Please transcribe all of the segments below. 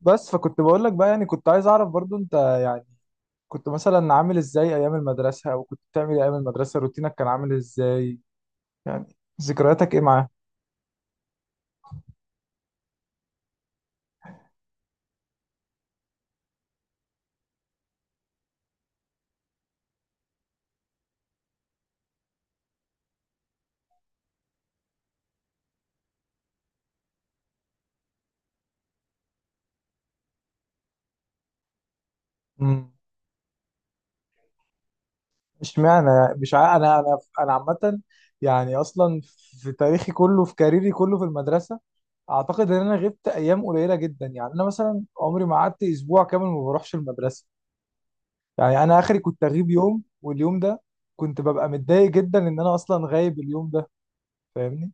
بس فكنت بقول لك بقى، يعني كنت عايز اعرف برضو انت، يعني كنت مثلا عامل ازاي ايام المدرسة، او كنت بتعمل إيه ايام المدرسة، روتينك كان عامل ازاي، يعني ذكرياتك ايه معاه. امم. اشمعنى يعني؟ مش عا... انا عامة، يعني اصلا في تاريخي كله، في كاريري كله في المدرسة، اعتقد ان انا غبت ايام قليلة جدا. يعني انا مثلا عمري ما قعدت اسبوع كامل ما بروحش المدرسة، يعني انا اخري كنت اغيب يوم، واليوم ده كنت ببقى متضايق جدا ان انا اصلا غايب اليوم ده، فاهمني.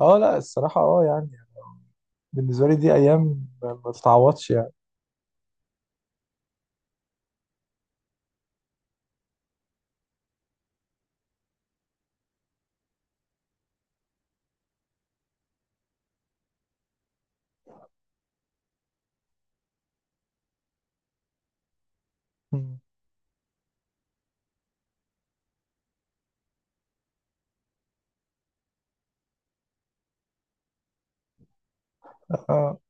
اه لا الصراحة، اه يعني بالنسبة لي دي أيام ما تتعوضش يعني. مم. آه.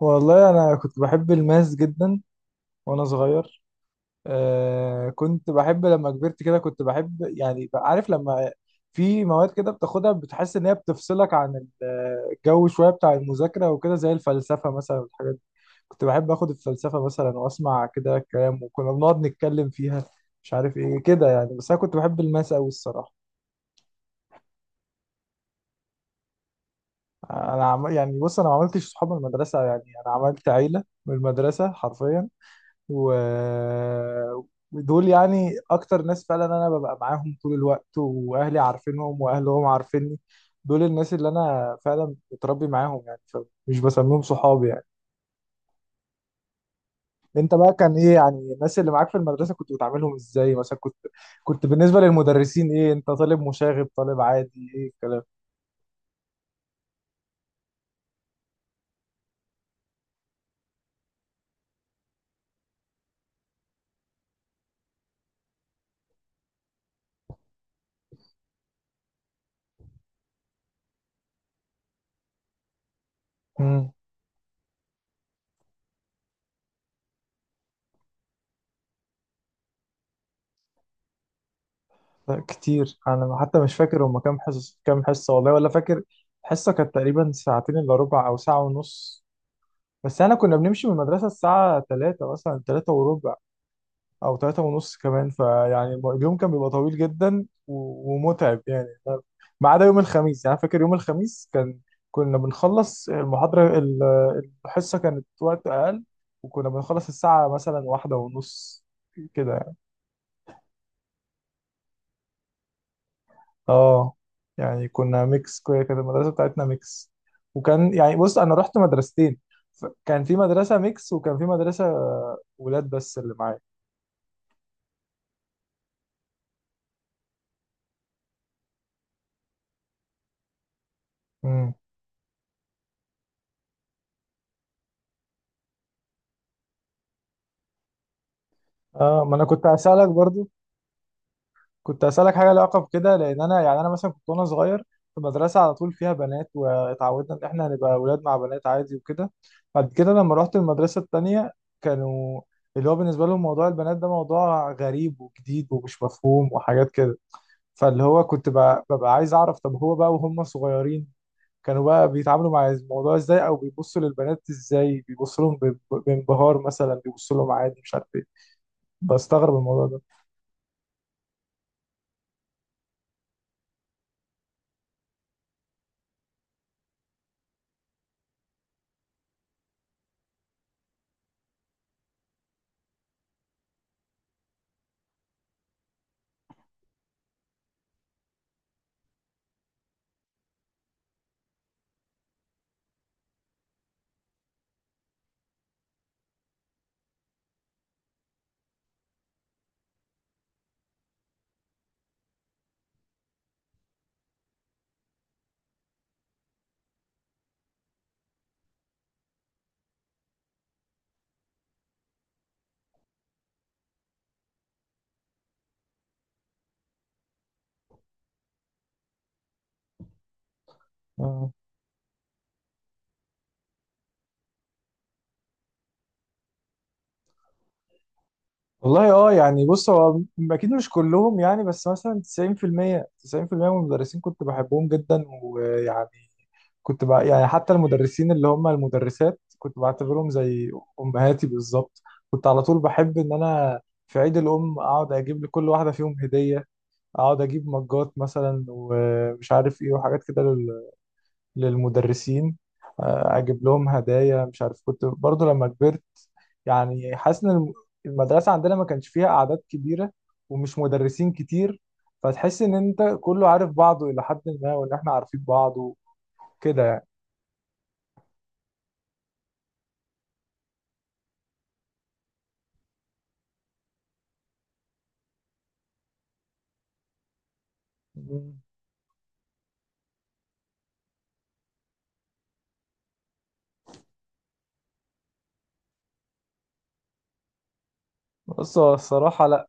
والله أنا كنت بحب الماس جدا وأنا صغير. آه. كنت بحب لما كبرت كده، كنت بحب يعني، بقى عارف لما في مواد كده بتاخدها بتحس إن هي بتفصلك عن الجو شوية بتاع المذاكرة، وكده زي الفلسفة مثلا والحاجات دي. كنت بحب آخد الفلسفة مثلا، وأسمع كده الكلام، وكنا بنقعد نتكلم فيها، مش عارف إيه كده يعني. بس أنا كنت بحب الماس أوي الصراحة. يعني بص انا ما عملتش صحاب من المدرسه، يعني انا عملت عيله من المدرسه حرفيا. و... ودول يعني اكتر ناس فعلا انا ببقى معاهم طول الوقت، واهلي عارفينهم، واهلهم عارفيني. دول الناس اللي انا فعلا متربي معاهم يعني، فمش بسميهم صحابي يعني. انت بقى كان ايه، يعني الناس اللي معاك في المدرسه كنت بتعاملهم ازاي؟ مثلا كنت بالنسبه للمدرسين ايه؟ انت طالب مشاغب، طالب عادي، ايه الكلام؟ لا كتير، انا حتى مش فاكر هما كام حصص، كام حصه والله ولا فاكر. حصه كانت تقريبا ساعتين الا ربع او ساعه ونص، بس انا كنا بنمشي من المدرسه الساعه 3 مثلا، 3 وربع او 3 ونص كمان، فيعني اليوم كان بيبقى طويل جدا ومتعب يعني. ما عدا يوم الخميس، يعني أنا فاكر يوم الخميس كنا بنخلص الحصه كانت وقت اقل، وكنا بنخلص الساعه مثلا واحدة ونص كده يعني. اه يعني كنا ميكس، كده كده المدرسه بتاعتنا ميكس، وكان يعني بص انا رحت مدرستين، كان في مدرسه ميكس، وكان في مدرسه ولاد بس اللي معايا. امم. اه ما انا كنت هسالك برضو، كنت هسالك حاجه لها علاقه بكده، لان انا يعني انا مثلا كنت وانا صغير في مدرسه على طول فيها بنات، واتعودنا ان احنا هنبقى ولاد مع بنات عادي وكده. بعد كده لما رحت المدرسه التانيه، كانوا اللي هو بالنسبه لهم موضوع البنات ده موضوع غريب وجديد ومش مفهوم وحاجات كده. فاللي هو كنت ببقى عايز اعرف طب هو بقى وهم صغيرين، كانوا بقى بيتعاملوا مع الموضوع ازاي، او بيبصوا للبنات ازاي؟ بيبصوا لهم بانبهار مثلا، بيبصوا لهم عادي، مش عارف ايه. بستغرب الموضوع ده. آه. والله اه يعني بص هو اكيد مش كلهم يعني، بس مثلا 90% من المدرسين كنت بحبهم جدا، ويعني كنت بقى يعني حتى المدرسين اللي هم المدرسات كنت بعتبرهم زي امهاتي بالظبط. كنت على طول بحب ان انا في عيد الام اقعد اجيب لكل واحده فيهم هديه، اقعد اجيب مجات مثلا ومش عارف ايه وحاجات كده للمدرسين. آه، اجيب لهم هدايا، مش عارف. كنت برضو لما كبرت يعني حاسس ان المدرسة عندنا ما كانش فيها اعداد كبيرة، ومش مدرسين كتير، فتحس ان انت كله عارف بعضه الى حد ما، وان احنا عارفين بعض وكده يعني. بص هو الصراحة لا،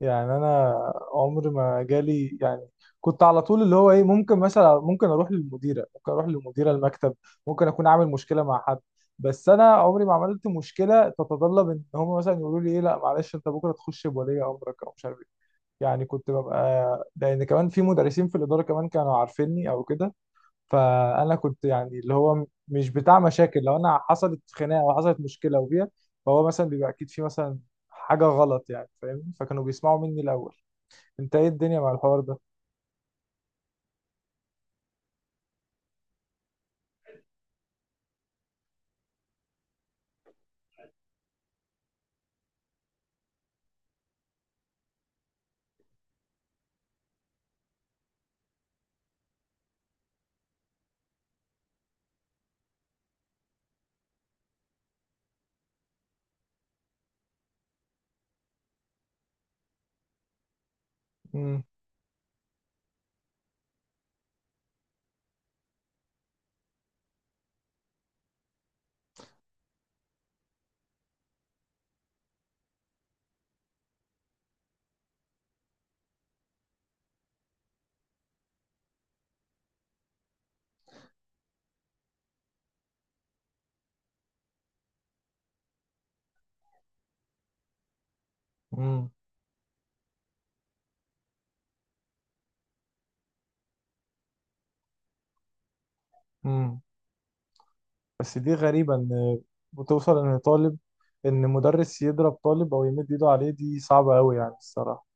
يعني انا عمري ما جالي يعني. كنت على طول اللي هو ايه، ممكن مثلا ممكن اروح للمديره، ممكن اروح للمديره المكتب، ممكن اكون عامل مشكله مع حد، بس انا عمري ما عملت مشكله تتطلب ان هم مثلا يقولوا لي ايه لا معلش انت بكره تخش بولي امرك او مش عارف ايه، يعني كنت ببقى لان كمان في مدرسين في الاداره كمان كانوا عارفيني او كده. فانا كنت يعني اللي هو مش بتاع مشاكل، لو انا حصلت خناقه او حصلت مشكله وبيها، فهو مثلا بيبقى اكيد في مثلا حاجه غلط يعني، فاهمني، فكانوا بيسمعوا مني الاول. انت ايه الدنيا مع الحوار ده؟ امم. امم. امم. بس دي غريبه ان بتوصل ان مدرس يضرب طالب او يمد ايده عليه، دي صعبه قوي يعني الصراحه.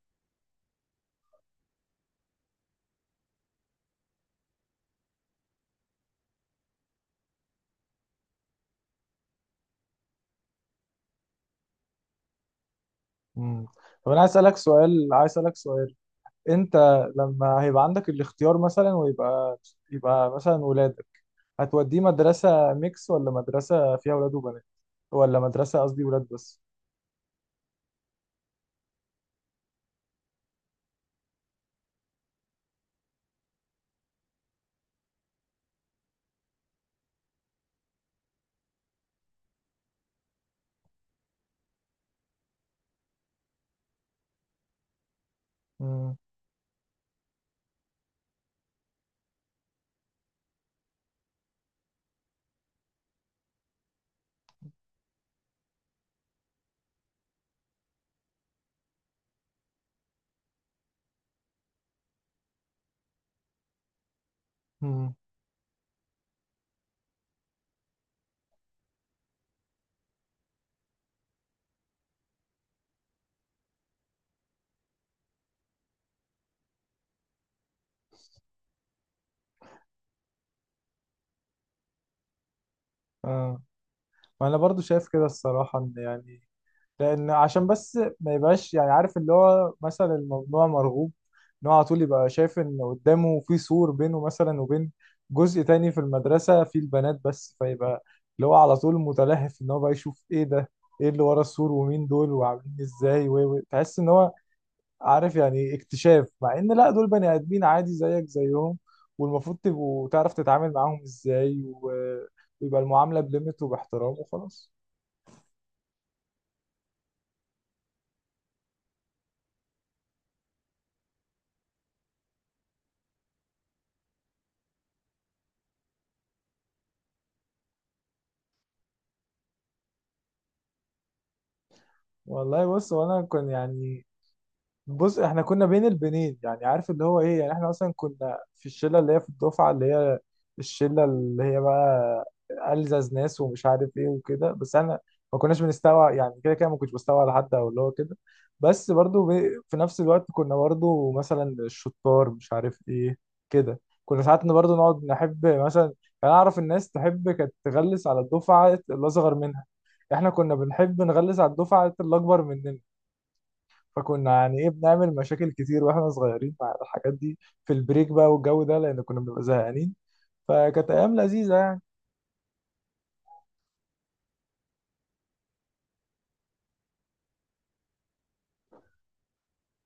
امم. طب انا عايز اسالك سؤال، عايز اسالك سؤال، انت لما هيبقى عندك الاختيار مثلا، ويبقى مثلا ولاد، هتوديه مدرسة ميكس، ولا مدرسة فيها ولاد وبنات، ولا مدرسة، قصدي ولاد بس؟ امم. امم. اه ما انا برضو شايف كده الصراحة، ان يعني لان عشان بس ما يبقاش يعني عارف اللي هو مثلا الممنوع مرغوب، ان هو على طول يبقى شايف ان قدامه في سور بينه مثلا وبين جزء تاني في المدرسة فيه البنات بس، فيبقى اللي هو على طول متلهف ان هو بقى يشوف ايه ده، ايه اللي ورا السور، ومين دول، وعاملين ازاي، و تحس ان هو عارف يعني اكتشاف، مع ان لا دول بني ادمين عادي زيك زيهم، والمفروض تبقوا تعرف تتعامل معاهم ازاي، ويبقى المعامله بليمت وباحترام وخلاص. والله بص وانا كان يعني، بص احنا كنا بين البنين، يعني عارف اللي هو ايه، يعني احنا مثلا كنا في الشله اللي هي في الدفعه اللي هي الشله اللي هي بقى ألزز ناس ومش عارف ايه وكده، بس انا ما كناش بنستوعب يعني كده كده، ما كنتش بستوعب على حد او اللي هو كده. بس برضو في نفس الوقت كنا برضو مثلا الشطار مش عارف ايه كده، كنا ساعات برضو نقعد نحب مثلا يعني اعرف، الناس تحب كانت تغلس على الدفعه الاصغر منها، احنا كنا بنحب نغلس على الدفعه الاكبر مننا، فكنا يعني ايه بنعمل مشاكل كتير واحنا صغيرين مع الحاجات دي في البريك بقى والجو ده، لان كنا بنبقى زهقانين، فكانت ايام لذيذه يعني.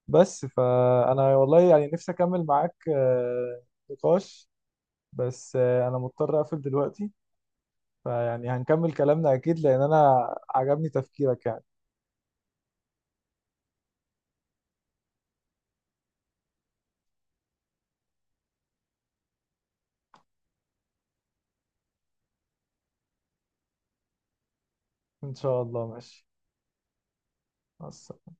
بس فانا والله يعني نفسي اكمل معاك نقاش، بس انا مضطر اقفل دلوقتي، فيعني هنكمل كلامنا اكيد لان انا عجبني تفكيرك يعني. ان شاء الله ماشي. مع السلامة.